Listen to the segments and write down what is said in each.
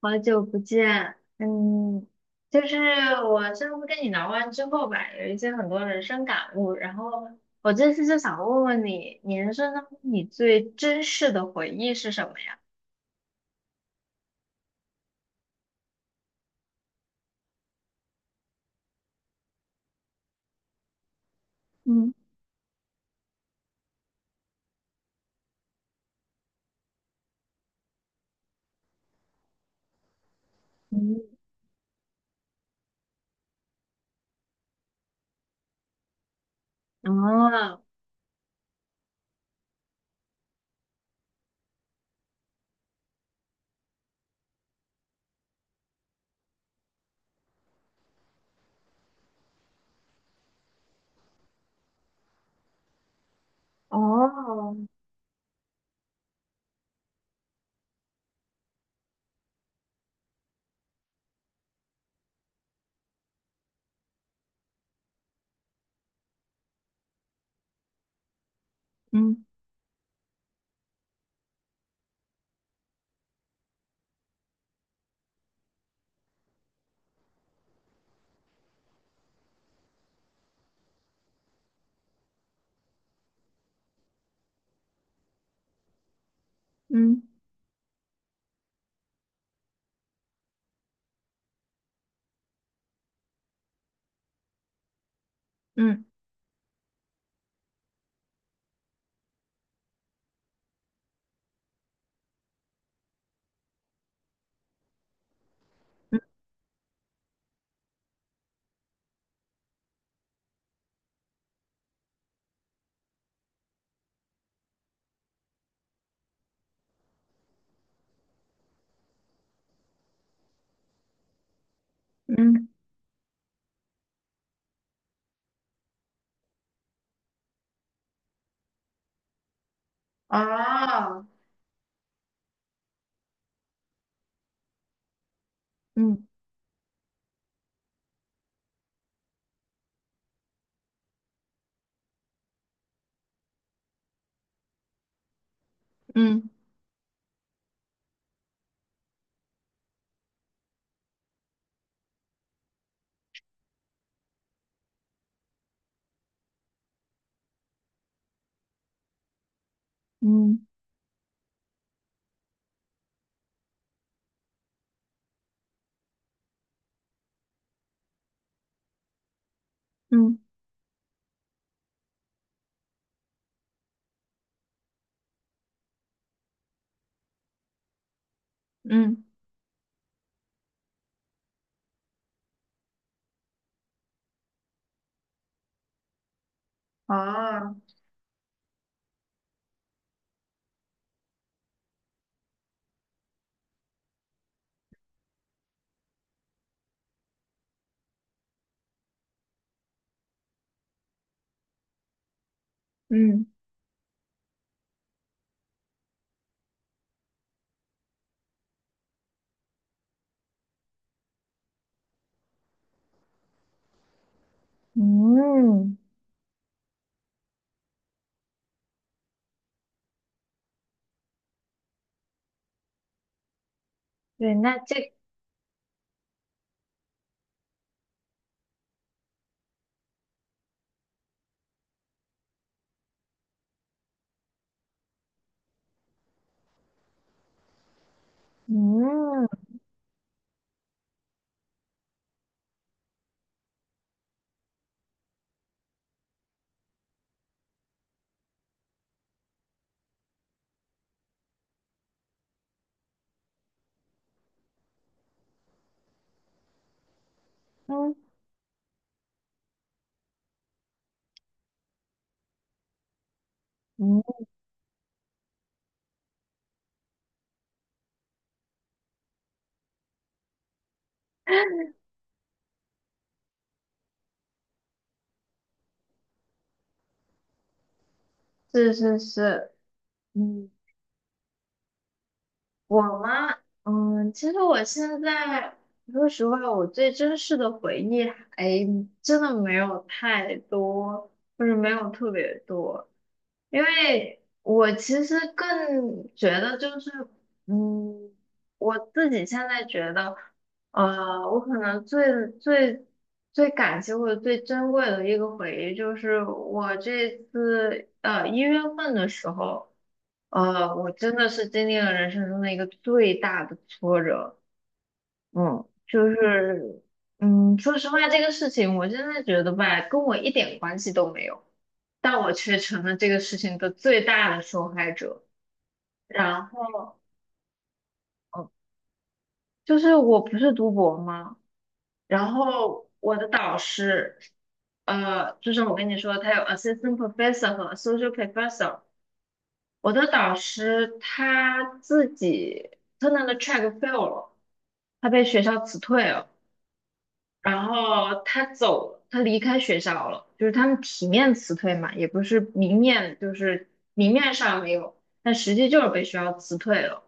好久不见，就是我上次跟你聊完之后吧，有一些很多人生感悟，然后我这次就想问问你，你人生当中你最珍视的回忆是什么呀？嗯嗯。哦。哦。嗯嗯嗯。嗯。哦。嗯嗯嗯嗯嗯。哦。嗯嗯。对，那这，嗯嗯嗯。是是是。嗯，我嘛，其实我现在说实话，我最真实的回忆还真的没有太多，就是没有特别多，因为我其实更觉得就是，嗯，我自己现在觉得。我可能最感激或者最珍贵的一个回忆，就是我这次一月份的时候。我真的是经历了人生中的一个最大的挫折。嗯，就是说实话，这个事情我真的觉得吧，跟我一点关系都没有，但我却成了这个事情的最大的受害者。然后嗯就是我不是读博吗？然后我的导师，就是我跟你说，他有 assistant professor 和 associate professor。我的导师他自己 Turner 的 track fail 了，他被学校辞退了。然后他走了，他离开学校了，就是他们体面辞退嘛，也不是明面，就是明面上没有，但实际就是被学校辞退了。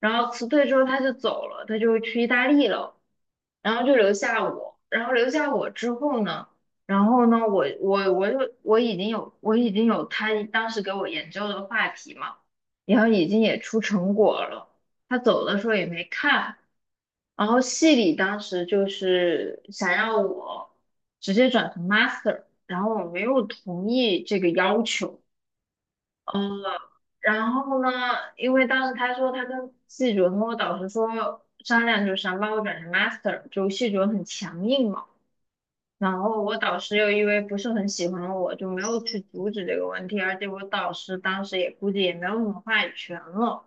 然后辞退之后他就走了，他就去意大利了，然后就留下我。然后留下我之后呢，然后呢，我我我就我已经有我已经有他当时给我研究的话题嘛，然后已经也出成果了。他走的时候也没看。然后系里当时就是想要我直接转成 master，然后我没有同意这个要求。然后呢，因为当时他说他跟系主任跟我导师说商量，就是想把我转成 master，就系主任很强硬嘛。然后我导师又因为不是很喜欢我，就没有去阻止这个问题，而且我导师当时也估计也没有什么话语权了。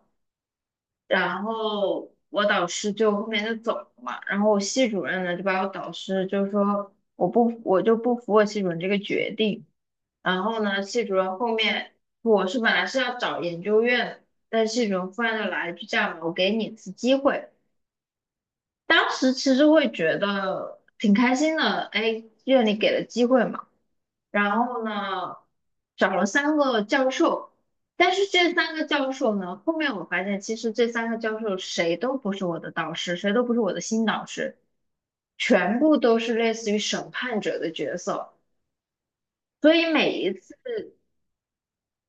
然后我导师就后面就走了嘛，然后我系主任呢就把我导师就说我就不服我系主任这个决定。然后呢系主任后面，我是本来是要找研究院的，但系主任忽然就来一句："这样吧，我给你一次机会。"当时其实会觉得挺开心的，哎，院里给了机会嘛。然后呢，找了三个教授，但是这三个教授呢，后面我发现其实这三个教授谁都不是我的导师，谁都不是我的新导师，全部都是类似于审判者的角色，所以每一次。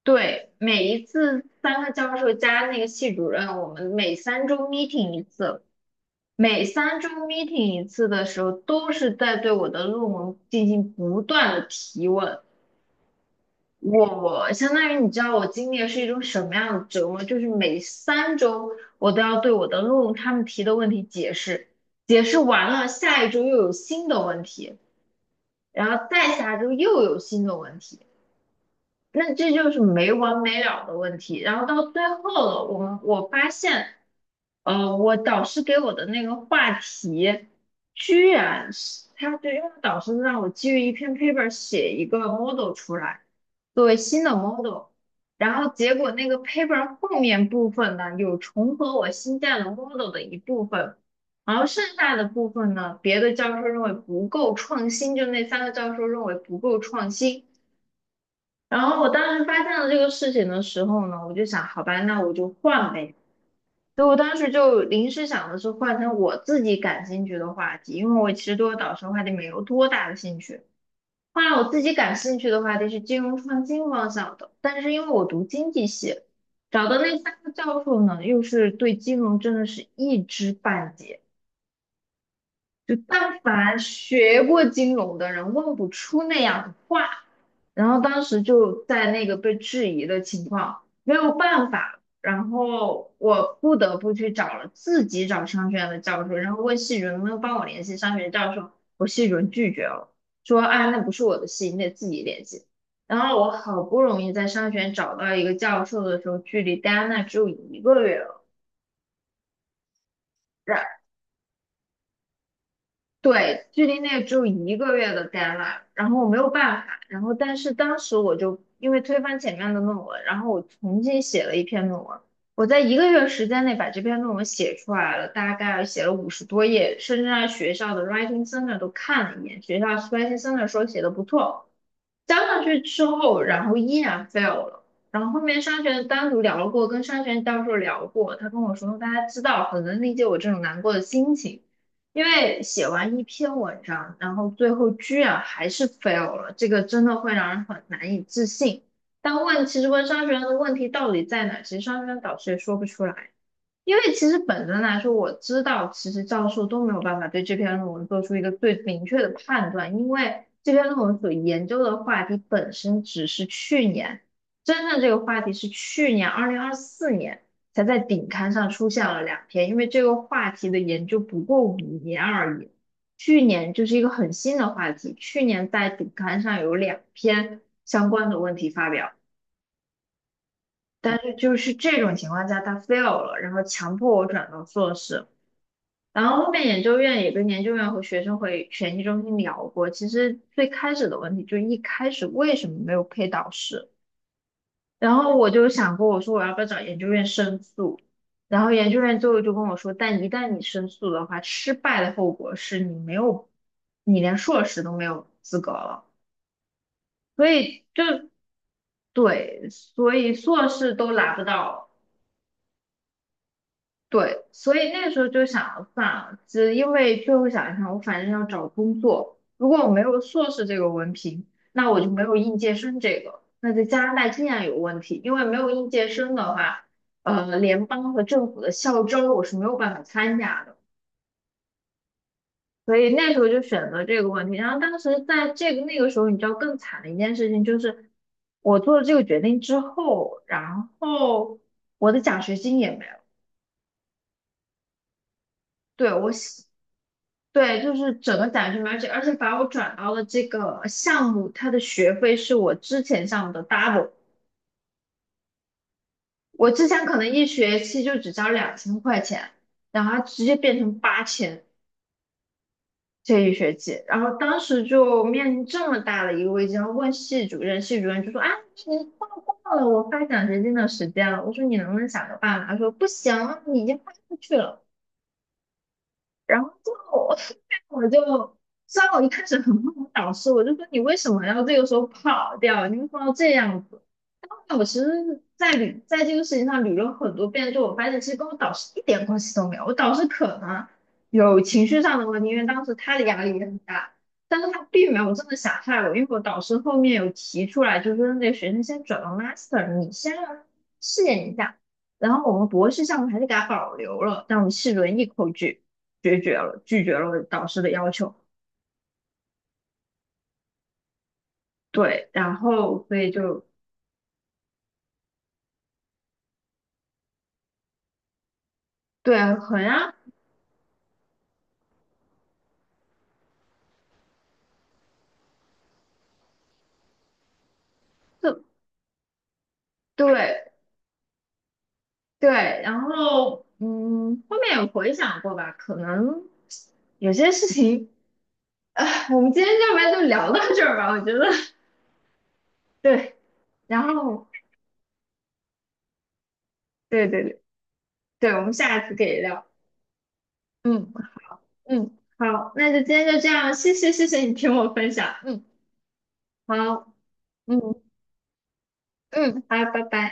对，每一次三个教授加那个系主任，我们每三周 meeting 一次，每3周 meeting 一次的时候，都是在对我的论文进行不断的提问。我相当于，你知道我经历的是一种什么样的折磨？就是每三周我都要对我的论文他们提的问题解释，解释完了，下一周又有新的问题，然后再下周又有新的问题。那这就是没完没了的问题。然后到最后了，我发现，我导师给我的那个话题，居然是，他，对，因为导师让我基于一篇 paper 写一个 model 出来，作为新的 model。然后结果那个 paper 后面部分呢，有重合我新建的 model 的一部分，然后剩下的部分呢，别的教授认为不够创新，就那三个教授认为不够创新。然后我当时发现了这个事情的时候呢，我就想，好吧，那我就换呗。所以我当时就临时想的是换成我自己感兴趣的话题，因为我其实对我导师的话题没有多大的兴趣。后来我自己感兴趣的话题是金融创新方向的，但是因为我读经济系，找的那三个教授呢，又是对金融真的是一知半解，就但凡学过金融的人问不出那样的话。然后当时就在那个被质疑的情况，没有办法，然后我不得不去找了自己找商学院的教授，然后问系主任能不能帮我联系商学院教授，我系主任拒绝了，说："啊，那不是我的系，你得自己联系。"然后我好不容易在商学院找到一个教授的时候，距离戴安娜只有一个月了。对，距离那只有一个月的 deadline，然后我没有办法，然后但是当时我就因为推翻前面的论文，然后我重新写了一篇论文。我在一个月时间内把这篇论文写出来了，大概写了50多页，甚至让学校的 writing center 都看了一眼，学校 writing center 说写的不错。当上去之后，然后依然 fail 了。然后后面商学院单独聊过，跟商学院教授聊过，他跟我说，大家知道，很能理解我这种难过的心情，因为写完一篇文章，然后最后居然还是 fail 了，这个真的会让人很难以置信。但问，其实问商学院的问题到底在哪，其实商学院导师也说不出来。因为其实本身来说，我知道其实教授都没有办法对这篇论文做出一个最明确的判断，因为这篇论文所研究的话题本身只是去年，真正这个话题是去年2024年才在顶刊上出现了两篇，因为这个话题的研究不过5年而已。去年就是一个很新的话题，去年在顶刊上有两篇相关的问题发表。但是就是这种情况下，他 fail 了，然后强迫我转到硕士。然后后面研究院也跟研究院和学生会学习中心聊过，其实最开始的问题就是一开始为什么没有配导师？然后我就想过，我说我要不要找研究院申诉？然后研究院最后就跟我说，但一旦你申诉的话，失败的后果是你没有，你连硕士都没有资格了。所以就，对，所以硕士都拿不到。对，所以那个时候就想，算了，只因为最后想一想，我反正要找工作，如果我没有硕士这个文凭，那我就没有应届生这个，那在加拿大依然有问题，因为没有应届生的话，联邦和政府的校招我是没有办法参加的，所以那时候就选择这个问题。然后当时在那个时候，你知道更惨的一件事情就是，我做了这个决定之后，然后我的奖学金也没有。对，对，就是整个奖学金。而且把我转到了这个项目，它的学费是我之前项目的 double。我之前可能一学期就只交2000块钱，然后它直接变成8000这一学期。然后当时就面临这么大的一个危机，然后问系主任，系主任就说："啊，你错过了我发奖学金的时间了。"我说："你能不能想个办法？"他说："不行，你已经发出去了。"然后就我 我就，虽然我一开始很恨我导师，我就说："你为什么要这个时候跑掉？你为什么要这样子？"但后来我其实在这个事情上捋了很多遍，就我发现其实跟我导师一点关系都没有。我导师可能有情绪上的问题，因为当时他的压力也很大，但是他并没有真的想害我，因为我导师后面有提出来，就是说："那个学生先转到 master，你先让他试验一下。"然后我们博士项目还是给他保留了，但我们系轮一口诀。决绝了，拒绝了导师的要求。对，然后所以就，对，很啊，就对对，然后后面有回想过吧，可能有些事情，啊，我们今天要不然就聊到这儿吧，我觉得，对，然后对对对对，我们下一次可以聊。嗯嗯。好，那就今天就这样，谢谢谢谢你听我分享。嗯。好。嗯嗯。好，拜拜。